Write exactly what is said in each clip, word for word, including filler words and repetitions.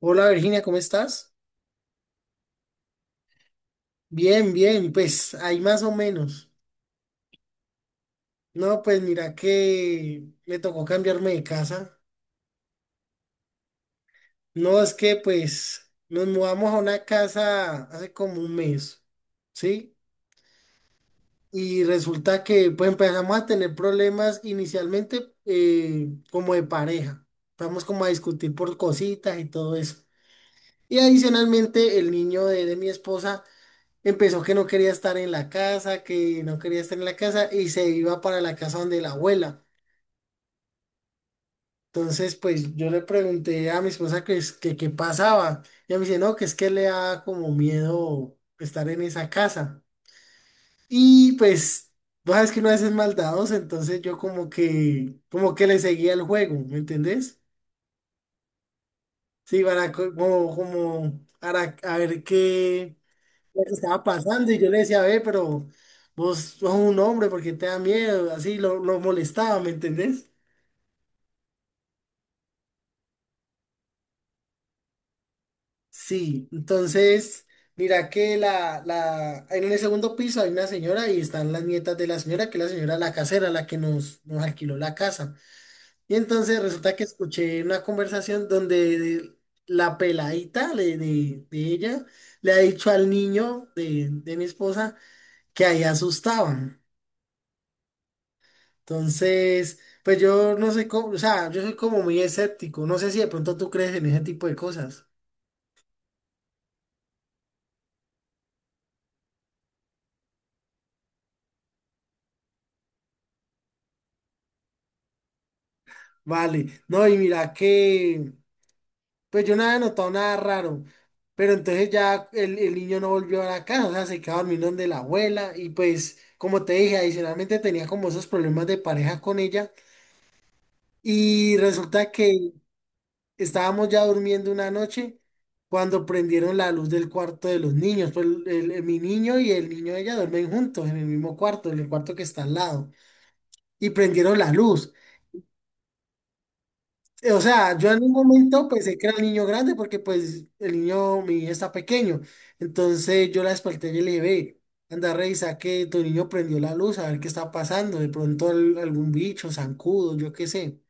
Hola Virginia, ¿cómo estás? Bien, bien, pues ahí más o menos. No, pues mira que me tocó cambiarme de casa. No, es que pues nos mudamos a una casa hace como un mes, ¿sí? Y resulta que pues empezamos a tener problemas inicialmente eh, como de pareja. Vamos como a discutir por cositas y todo eso. Y adicionalmente el niño de de mi esposa empezó que no quería estar en la casa, que no quería estar en la casa, y se iba para la casa donde la abuela. Entonces, pues yo le pregunté a mi esposa que, es- que qué pasaba. Ella me dice, no, que es que le da como miedo estar en esa casa. Y pues, vos sabes que uno a veces es maldadoso, entonces yo como que, como que le seguía el juego, ¿me entendés? Sí, para co- como, como, para a ver qué lo que estaba pasando, y yo le decía, ve, pero vos sos un hombre, porque te da miedo? Así lo, lo molestaba, ¿me entendés? Sí, entonces, mira que la, la, en el segundo piso hay una señora y están las nietas de la señora, que es la señora la casera, la que nos, nos alquiló la casa. Y entonces resulta que escuché una conversación donde la peladita de, de- de ella le ha dicho al niño de, de mi esposa que ahí asustaban. Entonces, pues yo no soy como, o sea, yo soy como muy escéptico. No sé si de pronto tú crees en ese tipo de cosas. Vale, no, y mira que, pues yo no había notado nada raro, pero entonces ya el, el niño no volvió a la casa, o sea, se quedó dormido donde la abuela, y pues, como te dije, adicionalmente tenía como esos problemas de pareja con ella, y resulta que estábamos ya durmiendo una noche cuando prendieron la luz del cuarto de los niños. Pues el- el- mi niño y el niño de ella duermen juntos en el mismo cuarto, en el cuarto que está al lado. Y prendieron la luz. Eh, O sea, yo en un momento pensé que era el niño grande, porque pues el niño, mi niño está pequeño. Entonces yo la desperté y le dije, ve, anda, revisa que tu niño prendió la luz, a ver qué está pasando. De pronto al- algún bicho, zancudo, yo qué sé.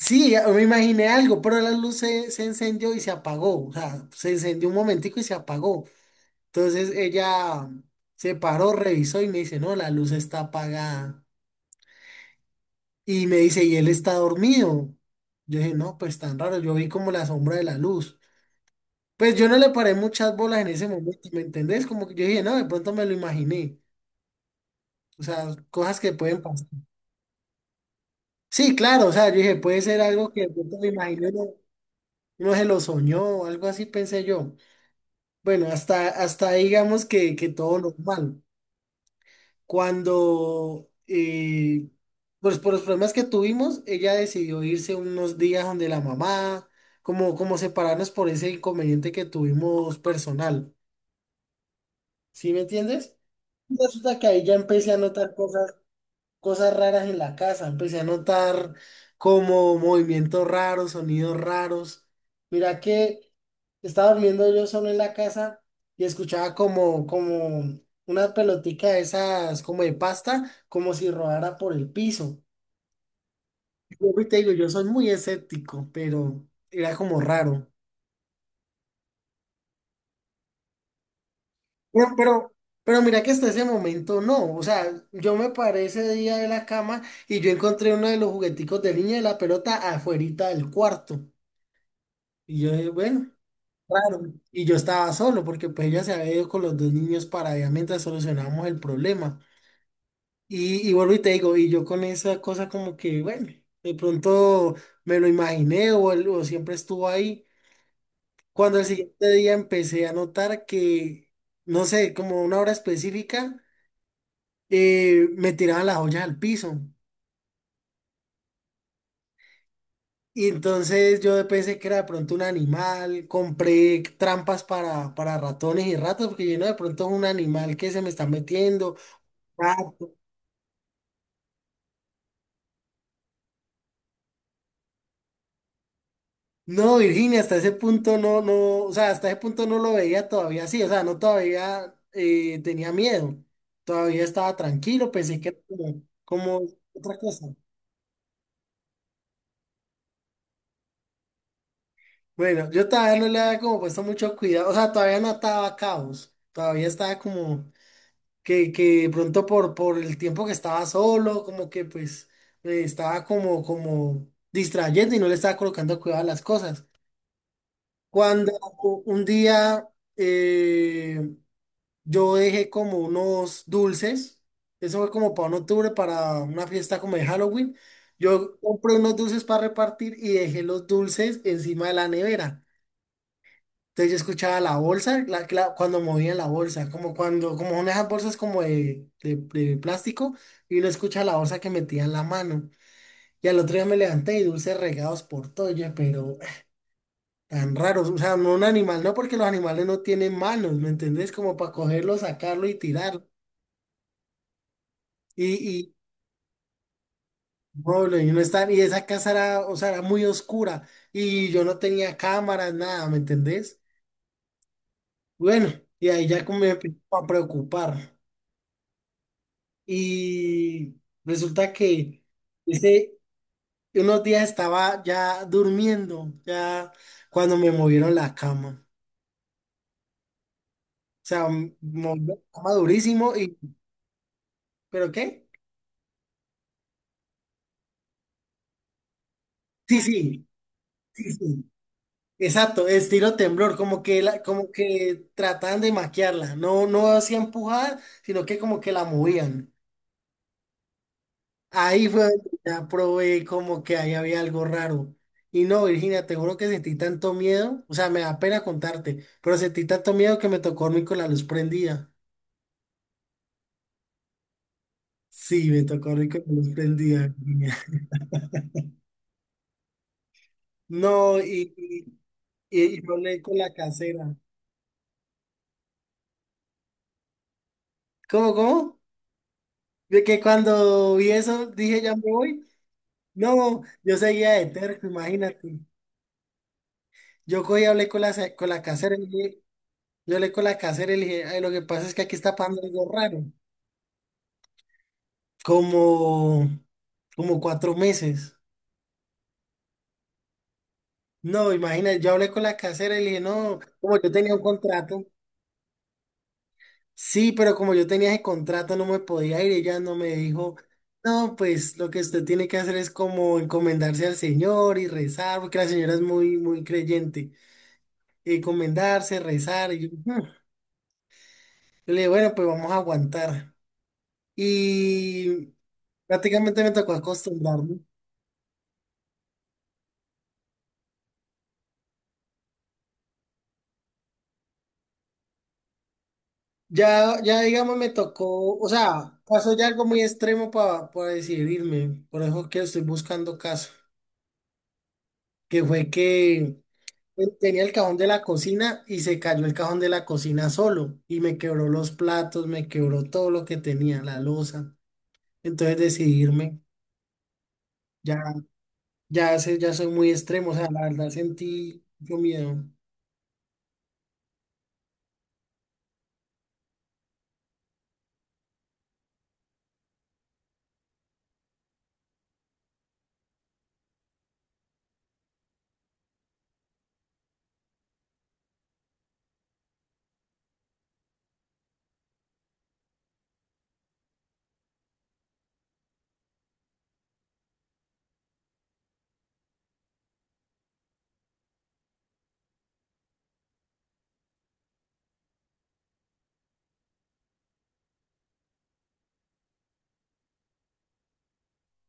Sí, ya me imaginé algo, pero la luz se, se encendió y se apagó. O sea, se encendió un momentico y se apagó. Entonces ella se paró, revisó y me dice, no, la luz está apagada. Y me dice, y él está dormido. Yo dije, no, pues tan raro, yo vi como la sombra de la luz. Pues yo no le paré muchas bolas en ese momento, ¿me entendés? Como que yo dije, no, de pronto me lo imaginé. O sea, cosas que pueden pasar. Sí, claro, o sea, yo dije, puede ser algo que de pronto me imaginé, no, no se lo soñó, algo así pensé yo. Bueno, hasta, hasta ahí digamos que, que todo normal. Cuando, eh, pues por los problemas que tuvimos, ella decidió irse unos días donde la mamá, como, como separarnos por ese inconveniente que tuvimos personal. ¿Sí me entiendes? Resulta que ahí ya empecé a notar cosas, cosas raras en la casa. Empecé a notar como movimientos raros, sonidos raros. Mira que estaba durmiendo yo solo en la casa y escuchaba como, como una pelotica de esas, como de pasta, como si rodara por el piso. Y te digo, yo soy muy escéptico, pero era como raro. Pero, pero, pero mira que hasta ese momento no. O sea, yo me paré ese día de la cama y yo encontré uno de los jugueticos de niña de la pelota afuerita del cuarto. Y yo, eh, bueno, claro, y yo estaba solo porque pues ella se había ido con los dos niños para allá mientras solucionamos el problema. Y, y vuelvo y te digo, y yo con esa cosa como que, bueno, de pronto me lo imaginé o, el- o siempre estuvo ahí. Cuando el siguiente día empecé a notar que, no sé, como una hora específica, eh, me tiraban las ollas al piso. Y entonces yo pensé que era de pronto un animal, compré trampas para, para ratones y ratas, porque yo no, de pronto es un animal que se me está metiendo. Ah, no, Virginia, hasta ese punto no, no, o sea, hasta ese punto no lo veía todavía así, o sea, no todavía eh, tenía miedo, todavía estaba tranquilo, pensé que era como, como otra cosa. Bueno, yo todavía no le había como puesto mucho cuidado, o sea, todavía no ataba cabos, todavía estaba como... que, que de pronto por, por el tiempo que estaba solo, como que pues me estaba como, como distrayendo y no le estaba colocando cuidado a las cosas. Cuando u- un día eh, yo dejé como unos dulces, eso fue como para un octubre, para una fiesta como de Halloween, yo compré unos dulces para repartir y dejé los dulces encima de la nevera. Entonces yo escuchaba la bolsa, la, la- cuando movían la bolsa, como cuando, como son esas bolsas como de, de, de plástico, y uno escucha la bolsa que metía en la mano. Y al otro día me levanté y dulces regados por todo, oye, pero tan raros. O sea, no un animal, no, porque los animales no tienen manos, ¿me entendés? Como para cogerlo, sacarlo y tirarlo. Y, y, pobre, y, no está, y esa casa era, o sea, era muy oscura. Y yo no tenía cámaras, nada, ¿me entendés? Bueno, y ahí ya como me empezó a preocupar. Y resulta que ese, unos días estaba ya durmiendo, ya cuando me movieron la cama. O sea, m- moví la cama durísimo y, ¿pero qué? Sí, sí, sí, sí, exacto, estilo temblor, como que la, como que trataban de maquiarla. No, no hacían empujar, sino que como que la movían. Ahí fue donde ya probé como que ahí había algo raro. Y no, Virginia, te juro que sentí tanto miedo, o sea, me da pena contarte, pero sentí tanto miedo que me tocó dormir con la luz prendida. Sí, me tocó dormir con la luz prendida, Virginia. No, y, y, y, y yo hablé con la casera. ¿Cómo, cómo? De que cuando vi eso dije, ya me voy. No, yo seguía de terco, imagínate. Yo cogí y hablé con la, con la casera y le, yo hablé con la casera y le dije, "Ay, lo que pasa es que aquí está pasando algo raro". Como, como cuatro meses. No, imagínate, yo hablé con la casera y le dije, no, como yo tenía un contrato, sí, pero como yo tenía ese contrato no me podía ir, ella no me dijo, no, pues lo que usted tiene que hacer es como encomendarse al Señor y rezar, porque la señora es muy, muy creyente, encomendarse, rezar, y yo, "Hmm". Yo le dije, bueno, pues vamos a aguantar. Y prácticamente me tocó acostumbrarme. Ya, ya digamos, me tocó, o sea, pasó ya algo muy extremo para decidirme, por eso que estoy buscando caso, que fue que tenía el cajón de la cocina y se cayó el cajón de la cocina solo y me quebró los platos, me quebró todo lo que tenía, la loza, entonces decidirme, ya, ya, sé- ya soy muy extremo, o sea, la verdad sentí mucho miedo.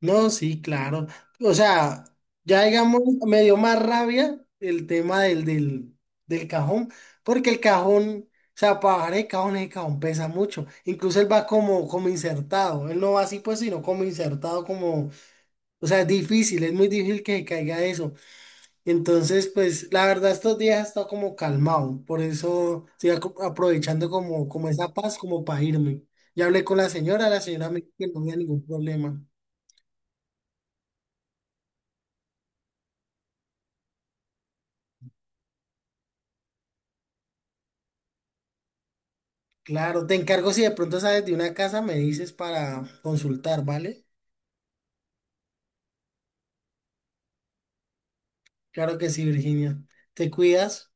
No, sí, claro. O sea, ya digamos, me dio más rabia el tema del, del, del cajón, porque el cajón, o sea, para bajar el cajón, el cajón pesa mucho. Incluso él va como, como insertado. Él no va así, pues, sino como insertado, como, o sea, es difícil, es muy difícil que se caiga eso. Entonces, pues, la verdad, estos días he estado como calmado. Por eso estoy aco- aprovechando como, como esa paz, como para irme. Ya hablé con la señora, la señora me dijo que no había ningún problema. Claro, te encargo si de pronto sabes de una casa, me dices para consultar, ¿vale? Claro que sí, Virginia. Te cuidas.